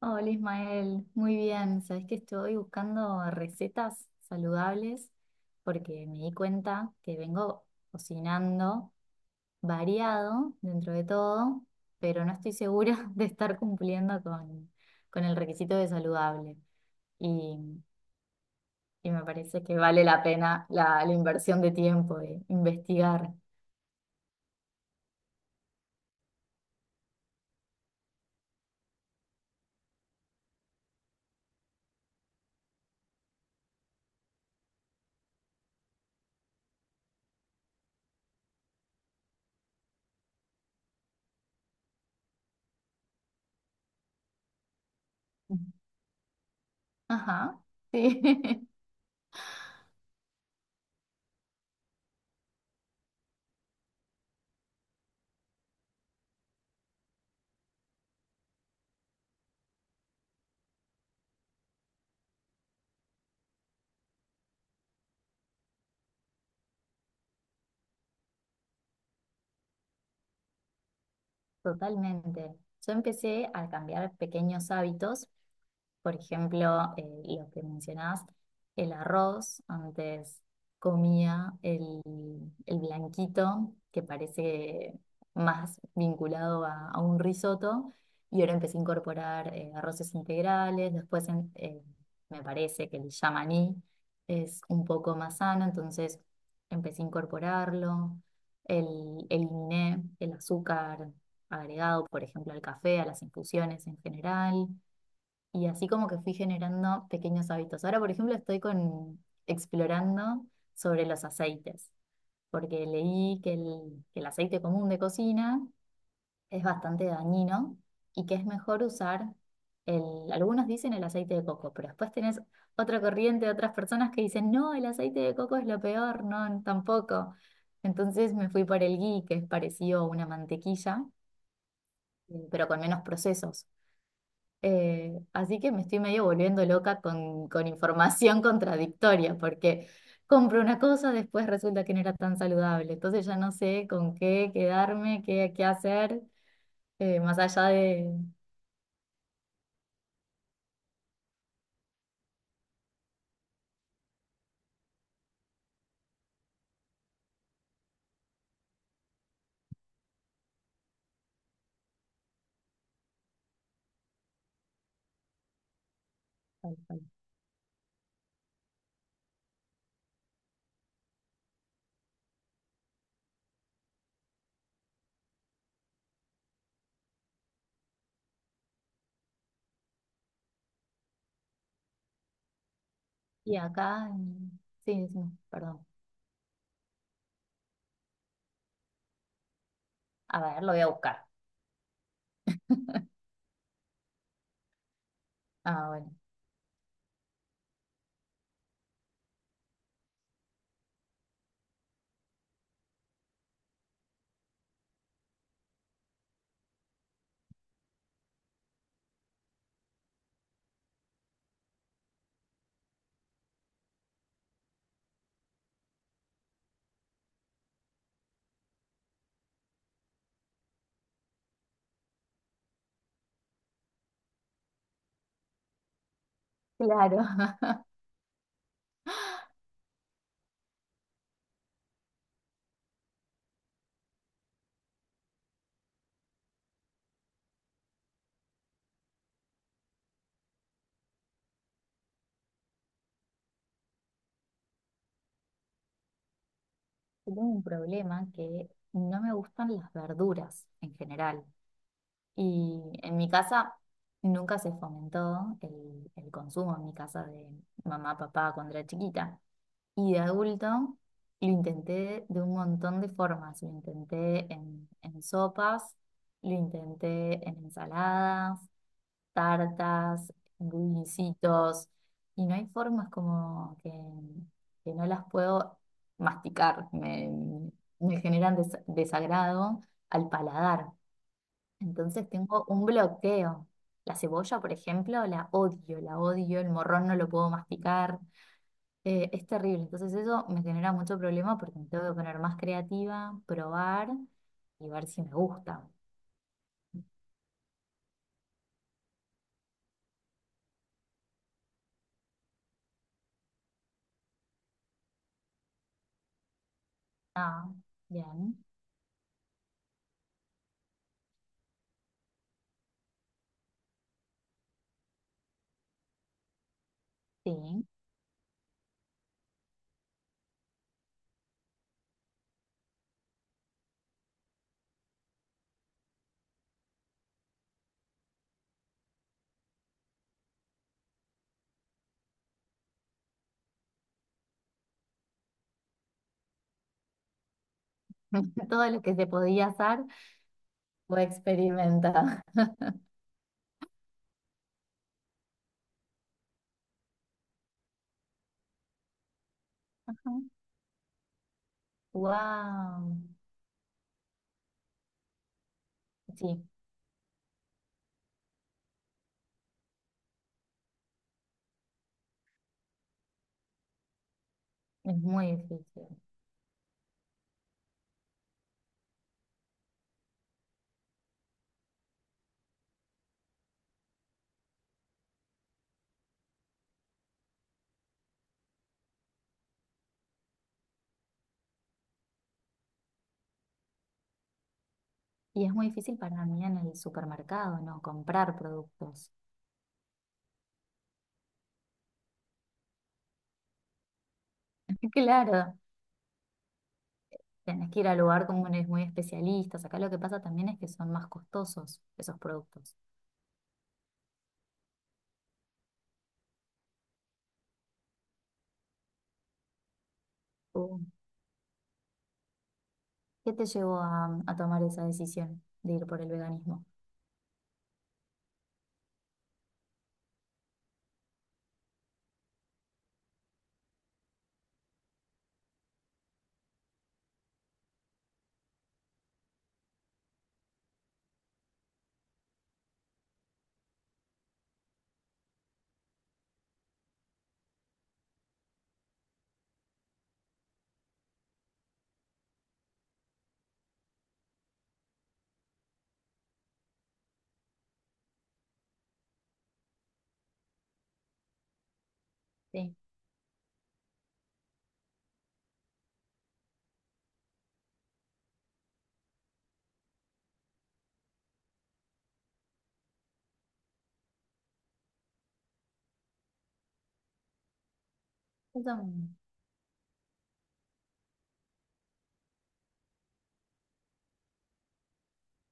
Hola Ismael, muy bien. Sabes que estoy buscando recetas saludables porque me di cuenta que vengo cocinando variado dentro de todo, pero no estoy segura de estar cumpliendo con el requisito de saludable. Y, y me parece que vale la pena la inversión de tiempo de investigar. Ajá, sí, totalmente. Yo empecé a cambiar pequeños hábitos. Por ejemplo, lo que mencionabas, el arroz, antes comía el blanquito, que parece más vinculado a un risotto, y ahora empecé a incorporar arroces integrales, después me parece que el yamaní es un poco más sano, entonces empecé a incorporarlo, eliminé el azúcar agregado, por ejemplo, al café, a las infusiones en general, y así como que fui generando pequeños hábitos. Ahora, por ejemplo, explorando sobre los aceites, porque leí que que el aceite común de cocina es bastante dañino y que es mejor usar algunos dicen el aceite de coco, pero después tenés otra corriente, otras personas que dicen, no, el aceite de coco es lo peor, no, tampoco. Entonces me fui por el ghee, que es parecido a una mantequilla, pero con menos procesos. Así que me estoy medio volviendo loca con información contradictoria, porque compro una cosa, después resulta que no era tan saludable. Entonces ya no sé con qué quedarme, qué hacer, más allá de... Tal cual. Y acá, sí, sí, perdón. A ver, lo voy a buscar. Ah, bueno. Claro. Tengo un problema, que no me gustan las verduras en general. Y en mi casa nunca se fomentó el consumo en mi casa de mamá, papá cuando era chiquita. Y de adulto lo intenté de un montón de formas. Lo intenté en sopas, lo intenté en ensaladas, tartas, bullicitos. Y no hay formas como que no las puedo masticar. Me generan desagrado al paladar. Entonces tengo un bloqueo. La cebolla, por ejemplo, la odio, el morrón no lo puedo masticar, es terrible. Entonces eso me genera mucho problema porque me tengo que poner más creativa, probar y ver si me gusta. Ah, bien, sí. Todo lo que se podía hacer fue experimentar. Wow. Sí, es muy difícil. Y es muy difícil para mí en el supermercado, ¿no? Comprar productos. Claro. Tenés que ir al lugar con unos muy especialistas. Acá lo que pasa también es que son más costosos esos productos. Uh, ¿Qué te llevó a tomar esa decisión de ir por el veganismo? Sí, eso, m-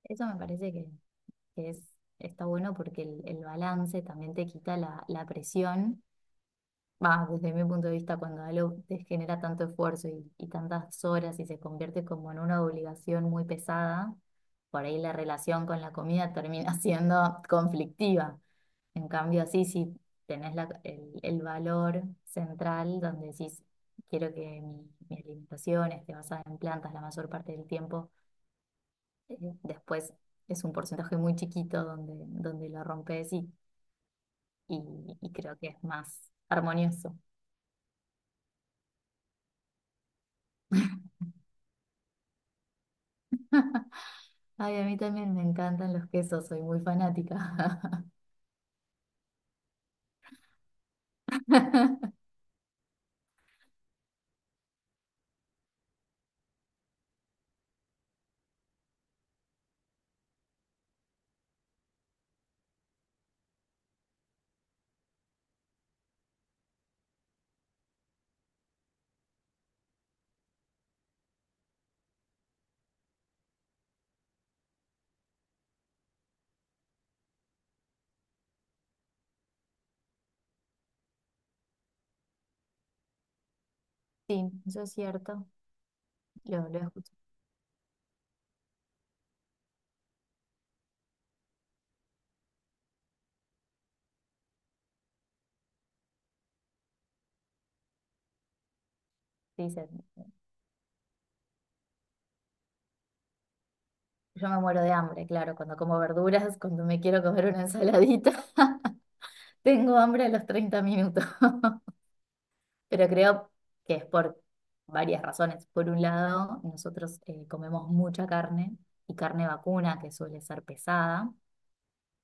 eso me parece que es, está bueno porque el balance también te quita la presión. Va, desde mi punto de vista, cuando algo te genera tanto esfuerzo y tantas horas y se convierte como en una obligación muy pesada, por ahí la relación con la comida termina siendo conflictiva. En cambio, así sí, tenés el valor central donde decís, quiero que mi alimentación esté basada en plantas la mayor parte del tiempo. Eh, Después es un porcentaje muy chiquito donde, donde lo rompes y creo que es más armonioso. Ay, a mí también me encantan los quesos, soy muy fanática. Sí, eso es cierto, lo escucho. Dicen, yo me muero de hambre, claro, cuando como verduras, cuando me quiero comer una ensaladita, tengo hambre a los 30 minutos. Pero creo que es por varias razones. Por un lado, nosotros comemos mucha carne y carne vacuna, que suele ser pesada.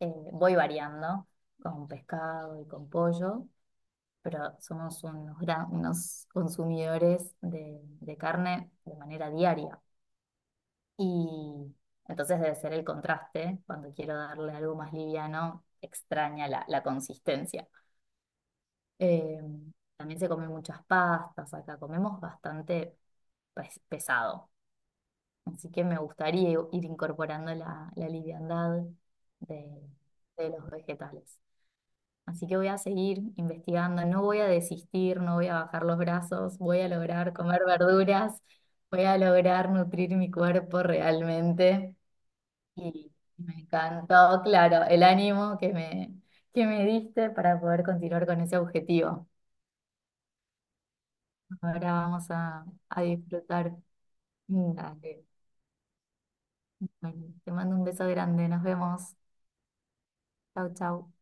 Voy variando con pescado y con pollo, pero somos unos, unos consumidores de carne de manera diaria. Y entonces debe ser el contraste, cuando quiero darle algo más liviano, extraña la consistencia. Eh, También se comen muchas pastas acá, comemos bastante pesado. Así que me gustaría ir incorporando la liviandad de, de los vegetales. Así que voy a seguir investigando, no voy a desistir, no voy a bajar los brazos, voy a lograr comer verduras, voy a lograr nutrir mi cuerpo realmente. Y me encantó, claro, el ánimo que me diste para poder continuar con ese objetivo. Ahora vamos a disfrutar. Dale. Bueno, te mando un beso grande, nos vemos. Chau, chau.